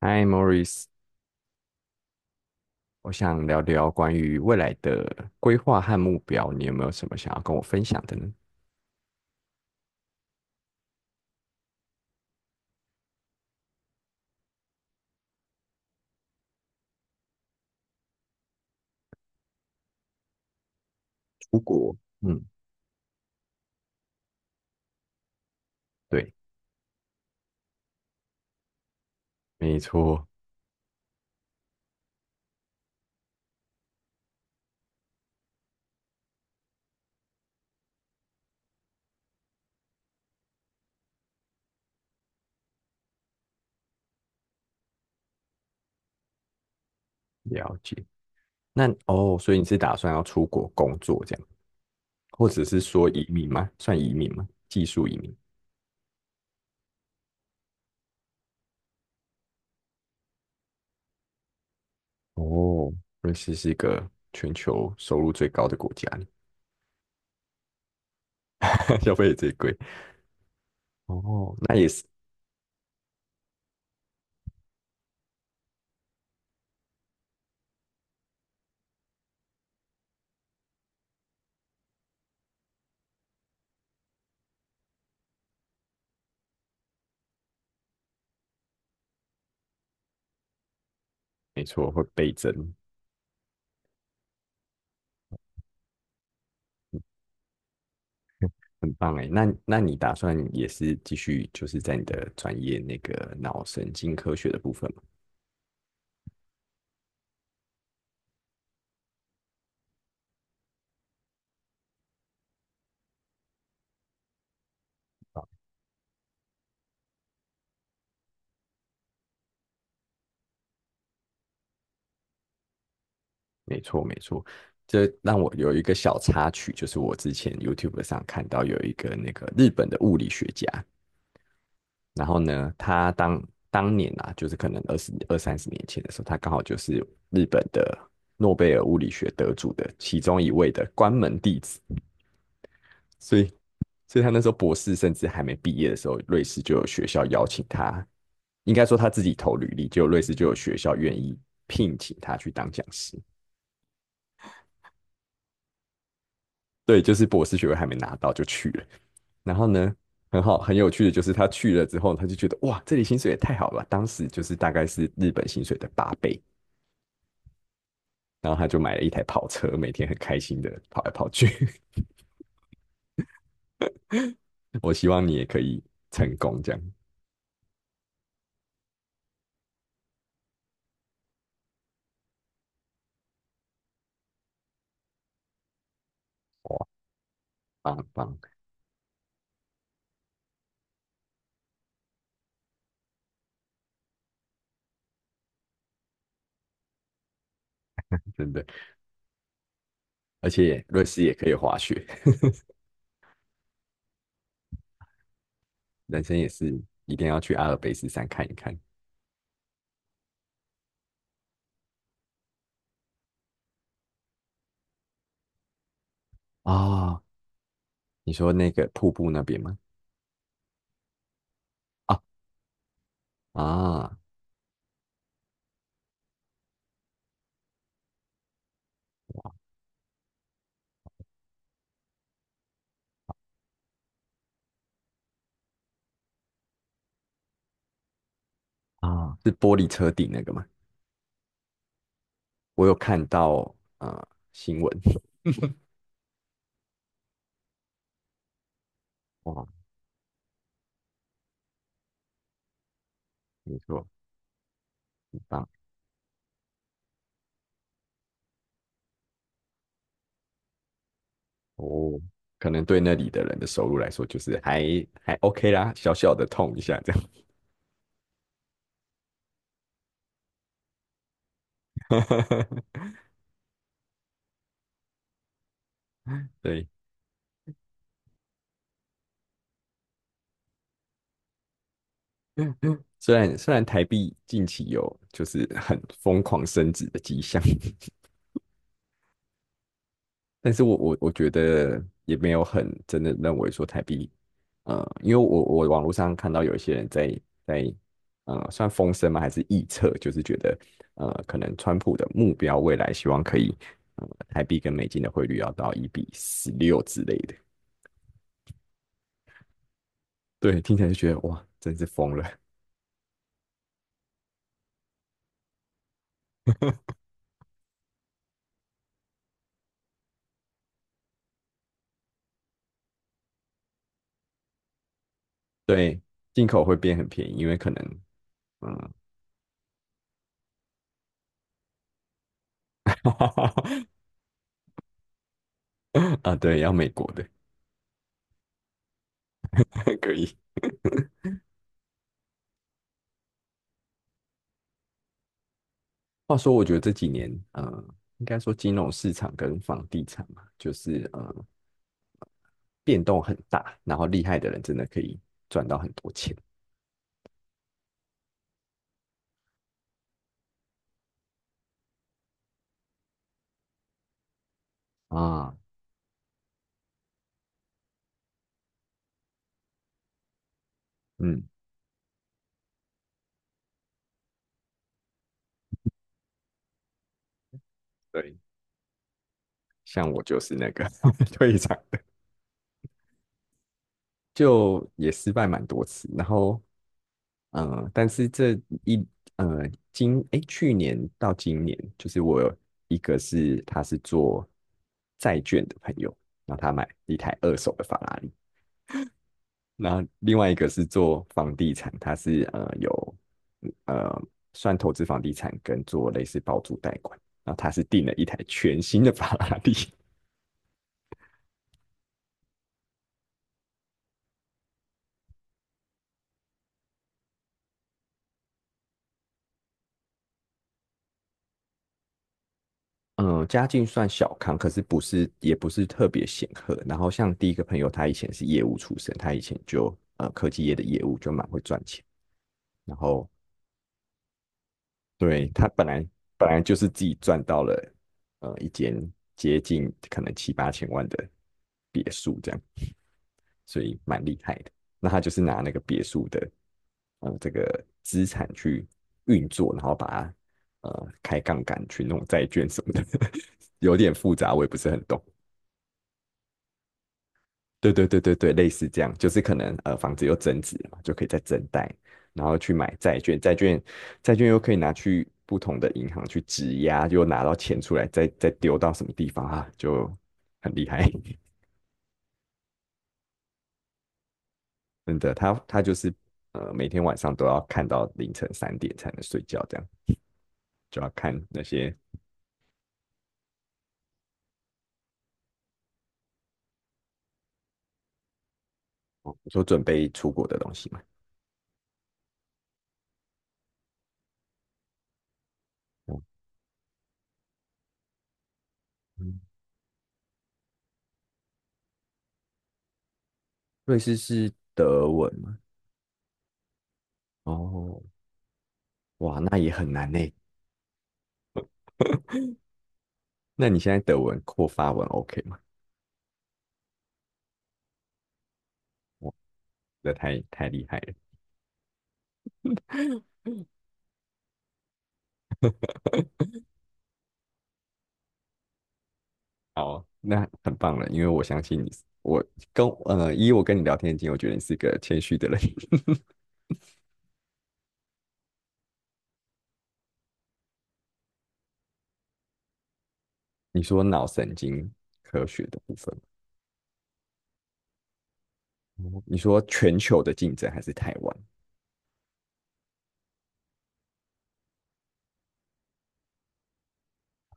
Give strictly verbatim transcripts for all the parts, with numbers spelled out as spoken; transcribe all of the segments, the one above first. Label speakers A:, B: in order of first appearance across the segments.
A: 嗨，Morris，我想聊聊关于未来的规划和目标，你有没有什么想要跟我分享的呢？出国，嗯，对，没错，了解。那哦，所以你是打算要出国工作这样，或者是说移民吗？算移民吗？技术移民？哦，瑞士是一个全球收入最高的国家，消费也最贵。哦，那也是没错，会倍增。很棒哎，那那你打算也是继续就是在你的专业那个脑神经科学的部分吗？没错没错，这让我有一个小插曲，就是我之前 YouTube 上看到有一个那个日本的物理学家，然后呢，他当当年啊，就是可能二十二三十年前的时候，他刚好就是日本的诺贝尔物理学得主的其中一位的关门弟子，所以，所以他那时候博士甚至还没毕业的时候，瑞士就有学校邀请他，应该说他自己投履历，就瑞士就有学校愿意聘请他去当讲师。对，就是博士学位还没拿到就去了。然后呢，很好，很有趣的就是他去了之后，他就觉得哇，这里薪水也太好了吧，当时就是大概是日本薪水的八倍。然后他就买了一台跑车，每天很开心的跑来跑去。我希望你也可以成功，这样哇，棒棒，真的。而且瑞士也可以滑雪，人生也是一定要去阿尔卑斯山看一看啊！你说那个瀑布那边吗？啊啊啊！是玻璃车顶那个吗？我有看到呃新闻，哇，没错，很棒哦。可能对那里的人的收入来说，就是还还 OK 啦，小小的痛一下这样。对，虽然虽然台币近期有就是很疯狂升值的迹象，但是我我我觉得也没有很真的认为说台币，呃，因为我我网络上看到有一些人在在呃算风声吗？还是臆测，就是觉得呃可能川普的目标未来希望可以呃台币跟美金的汇率要到一比十六之类的。对，听起来就觉得哇，真是疯了。对，进口会变很便宜，因为可能嗯 啊对，要美国的 可以。话说，我觉得这几年，呃，应该说金融市场跟房地产嘛，就是呃变动很大，然后厉害的人真的可以赚到很多钱。啊，嗯，对，像我就是那个 退场的，就也失败蛮多次。然后，呃，但是这一呃今诶去年到今年，就是我有一个是他是做债券的朋友，然后他买一台二手的法拉利，那另外一个是做房地产，他是呃有呃算投资房地产跟做类似包租贷款。然后他是订了一台全新的法拉利，嗯，家境算小康，可是不是也不是特别显赫。然后像第一个朋友，他以前是业务出身，他以前就呃科技业的业务就蛮会赚钱，然后对他本来本来就是自己赚到了呃一间接近可能七八千万的别墅这样。所以蛮厉害的。那他就是拿那个别墅的呃这个资产去运作，然后把它呃开杠杆去弄债券什么的，有点复杂，我也不是很懂。对对对对对，类似这样，就是可能呃房子又增值了嘛，就可以再增贷，然后去买债券，债券债券又可以拿去不同的银行去质押，又拿到钱出来，再再丢到什么地方啊，就很厉害。真的，他他就是呃，每天晚上都要看到凌晨三点才能睡觉，这样就要看那些我说准备出国的东西嘛。哦嗯，瑞士是德文嘛？哦，哇，那也很难呢。那你现在德文或发文 OK 吗？哇，这太太厉害了 好，那很棒了，因为我相信你是我跟呃，以我跟你聊天的经验，我觉得你是一个谦虚的人。你说脑神经科学的部分。哦你说全球的竞争还是台湾？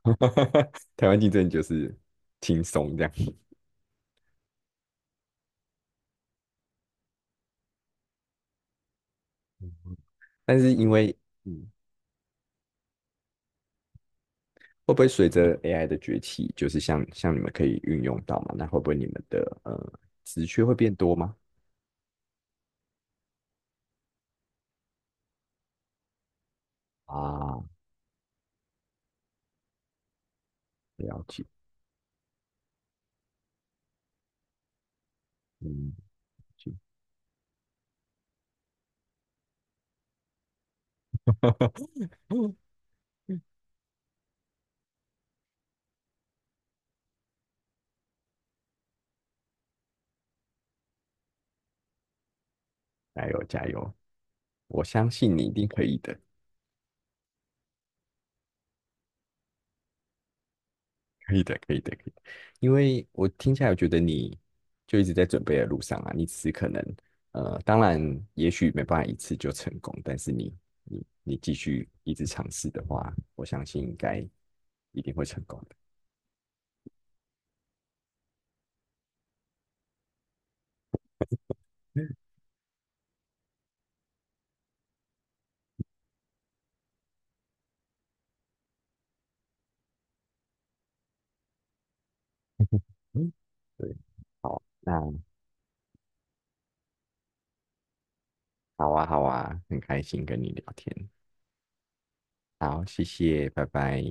A: 台湾竞争就是轻松这样，但是因为嗯，会不会随着 A I 的崛起，就是像像你们可以运用到嘛？那会不会你们的呃职缺会变多吗？啊，了解，嗯，了解 加油加油，我相信你一定可以的。可以的，可以的，可以的因为我听起来，我觉得你就一直在准备的路上啊。你只是可能，呃，当然，也许没办法一次就成功，但是你你你继续一直尝试的话，我相信应该一定会成功的。嗯，嗯对，好，那好啊，好啊，很开心跟你聊天。好，谢谢，拜拜。